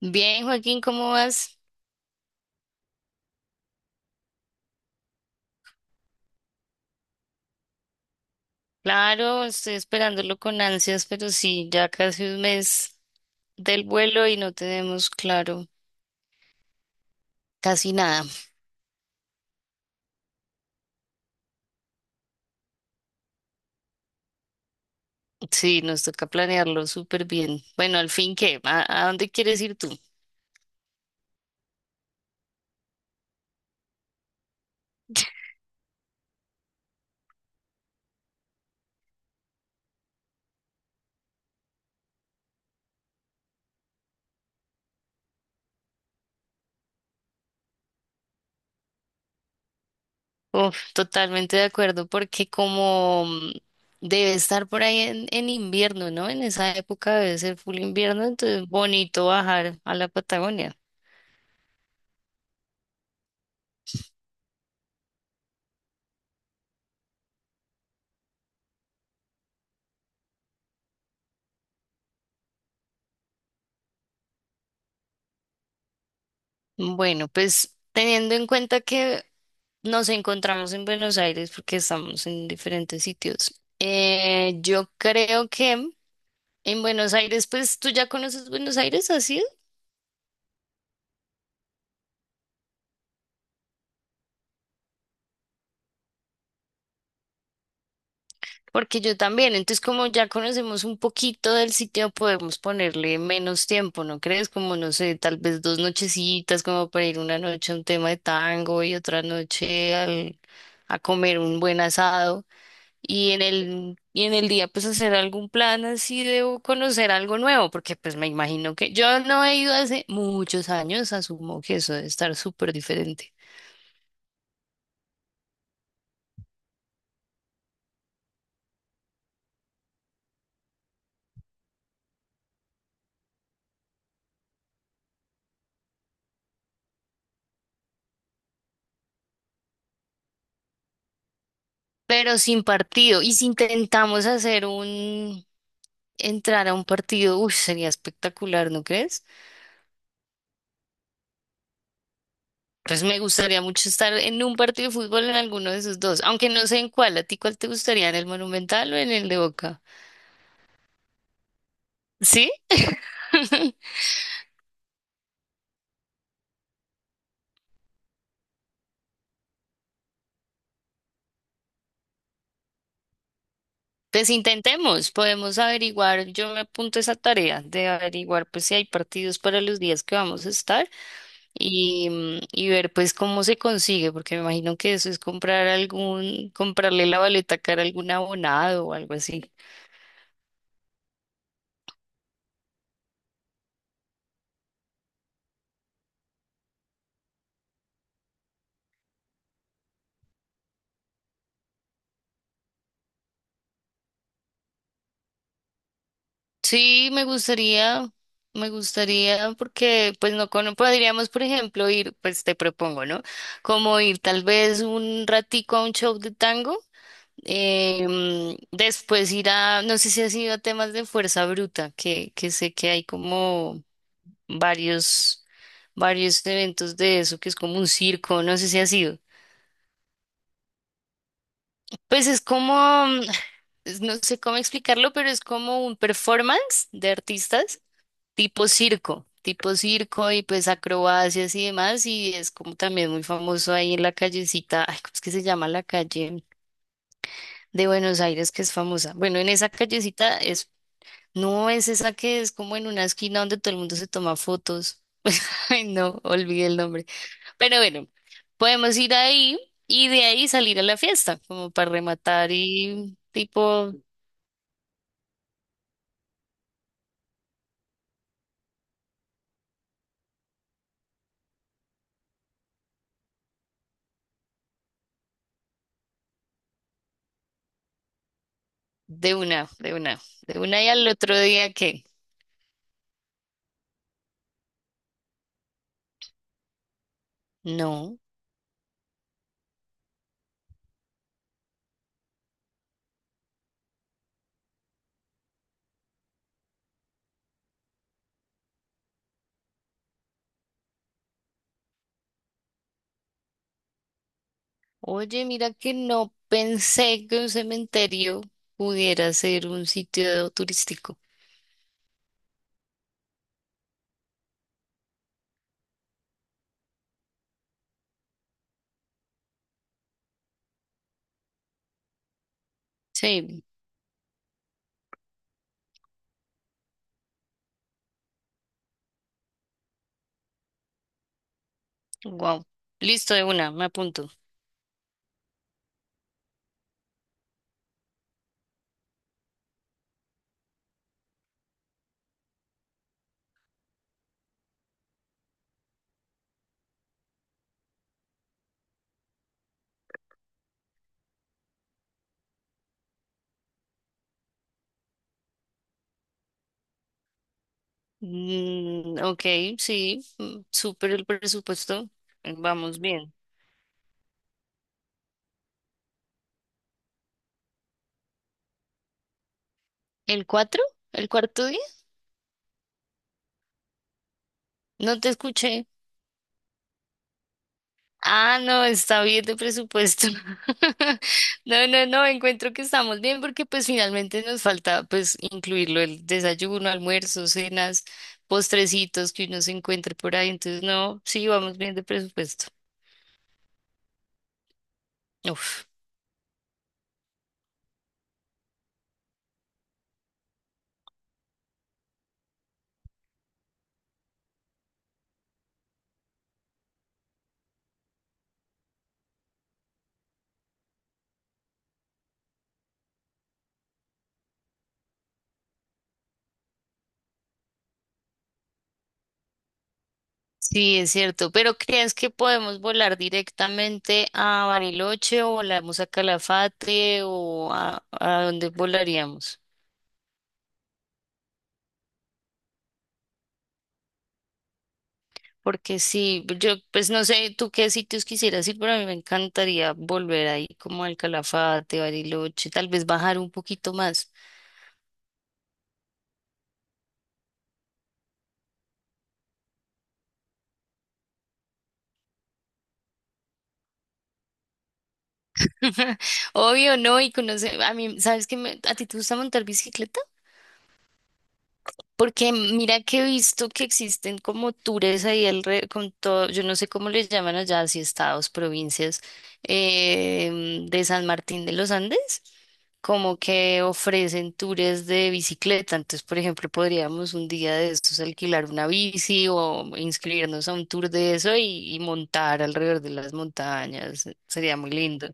Bien, Joaquín, ¿cómo vas? Claro, estoy esperándolo con ansias, pero sí, ya casi un mes del vuelo y no tenemos claro casi nada. Sí, nos toca planearlo súper bien. Bueno, al fin, ¿qué? ¿A dónde quieres ir tú? Uf, totalmente de acuerdo, porque como debe estar por ahí en invierno, ¿no? En esa época debe ser full invierno, entonces bonito bajar a la Patagonia. Bueno, pues teniendo en cuenta que nos encontramos en Buenos Aires porque estamos en diferentes sitios. Yo creo que en Buenos Aires, pues tú ya conoces Buenos Aires, ¿así? Porque yo también. Entonces, como ya conocemos un poquito del sitio, podemos ponerle menos tiempo, ¿no crees? Como, no sé, tal vez 2 nochecitas, como para ir una noche a un tema de tango y otra noche a comer un buen asado. Y en el, en el día pues hacer algún plan así de o conocer algo nuevo, porque pues me imagino que yo no he ido hace muchos años, asumo que eso debe estar súper diferente, pero sin partido. Y si intentamos entrar a un partido, uy, sería espectacular, ¿no crees? Pues me gustaría mucho estar en un partido de fútbol en alguno de esos dos, aunque no sé en cuál, ¿a ti cuál te gustaría, en el Monumental o en el de Boca? ¿Sí? Pues intentemos, podemos averiguar, yo me apunto a esa tarea de averiguar pues si hay partidos para los días que vamos a estar y ver pues cómo se consigue, porque me imagino que eso es comprar algún, comprarle la boleta cara a algún abonado o algo así. Sí, me gustaría, porque pues no cono- podríamos, por ejemplo, ir, pues te propongo, ¿no? Como ir tal vez un ratico a un show de tango. Después ir a, no sé si has ido a temas de fuerza bruta, que sé que hay como varios, varios eventos de eso, que es como un circo, no sé si has ido. Pues es como, no sé cómo explicarlo, pero es como un performance de artistas tipo circo y pues acrobacias y demás, y es como también muy famoso ahí en la callecita, ay, ¿cómo es que se llama la calle de Buenos Aires, que es famosa? Bueno, en esa callecita es. No, es esa que es como en una esquina donde todo el mundo se toma fotos. Ay, no, olvidé el nombre. Pero bueno, podemos ir ahí y de ahí salir a la fiesta, como para rematar y tipo de una, de una, de una y al otro día que no. Oye, mira que no pensé que un cementerio pudiera ser un sitio turístico. Sí, wow. Listo, de una, me apunto. Mm, ok, sí, súper el presupuesto. Vamos bien. ¿El cuatro? ¿El cuarto día? No te escuché. Ah, no, está bien de presupuesto. No, no, no, encuentro que estamos bien porque pues finalmente nos falta pues incluirlo el desayuno, almuerzo, cenas, postrecitos que uno se encuentre por ahí. Entonces, no, sí, vamos bien de presupuesto. Uf. Sí, es cierto, pero ¿crees que podemos volar directamente a Bariloche o volamos a Calafate o a dónde volaríamos? Porque sí, yo pues no sé tú qué sitios quisieras ir, pero a mí me encantaría volver ahí como al Calafate, Bariloche, tal vez bajar un poquito más. Obvio, ¿no? Y conocer, a mí, ¿sabes qué? ¿A ti te gusta montar bicicleta? Porque mira que he visto que existen como tours ahí con todo, yo no sé cómo les llaman allá, si estados, provincias, de San Martín de los Andes, como que ofrecen tours de bicicleta. Entonces, por ejemplo, podríamos un día de estos alquilar una bici o inscribirnos a un tour de eso y montar alrededor de las montañas. Sería muy lindo.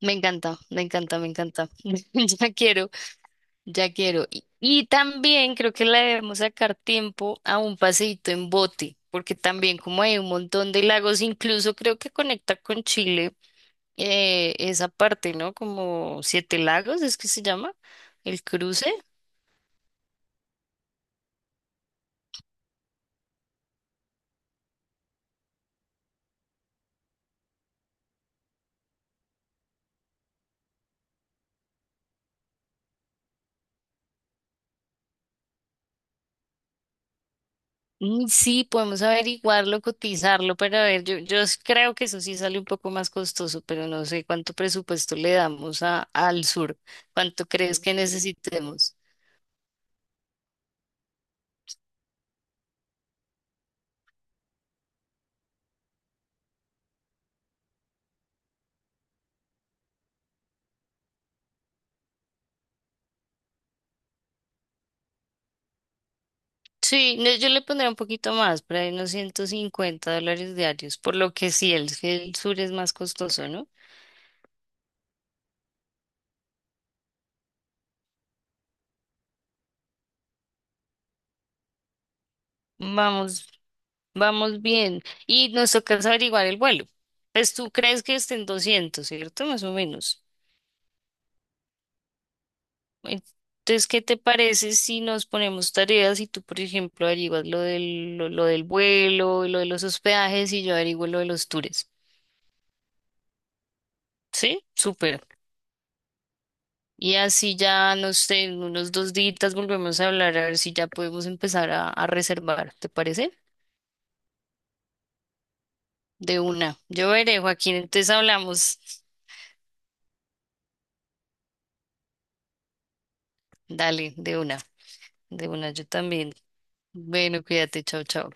Me encanta, me encanta, me encanta. Ya quiero. Ya quiero. Y también creo que le debemos sacar tiempo a un paseíto en bote, porque también como hay un montón de lagos, incluso creo que conecta con Chile esa parte, ¿no? Como Siete Lagos, es que se llama el cruce. Mm, sí, podemos averiguarlo, cotizarlo, pero a ver, yo creo que eso sí sale un poco más costoso, pero no sé cuánto presupuesto le damos al sur, cuánto crees que necesitemos. Sí, no, yo le pondría un poquito más, por ahí unos $150 diarios, por lo que sí, el sur es más costoso, ¿no? Vamos, vamos bien. Y nos toca es averiguar el vuelo. Pues tú crees que estén 200, ¿cierto? Más o menos. Entonces, ¿qué te parece si nos ponemos tareas y tú, por ejemplo, averiguas lo del vuelo, lo de los hospedajes y yo averiguo lo de los tours? ¿Sí? Súper. Y así ya, no sé, en unos 2 días volvemos a hablar a ver si ya podemos empezar a reservar, ¿te parece? De una. Yo veré, Joaquín, entonces hablamos. Dale, de una, yo también. Bueno, cuídate, chao, chao.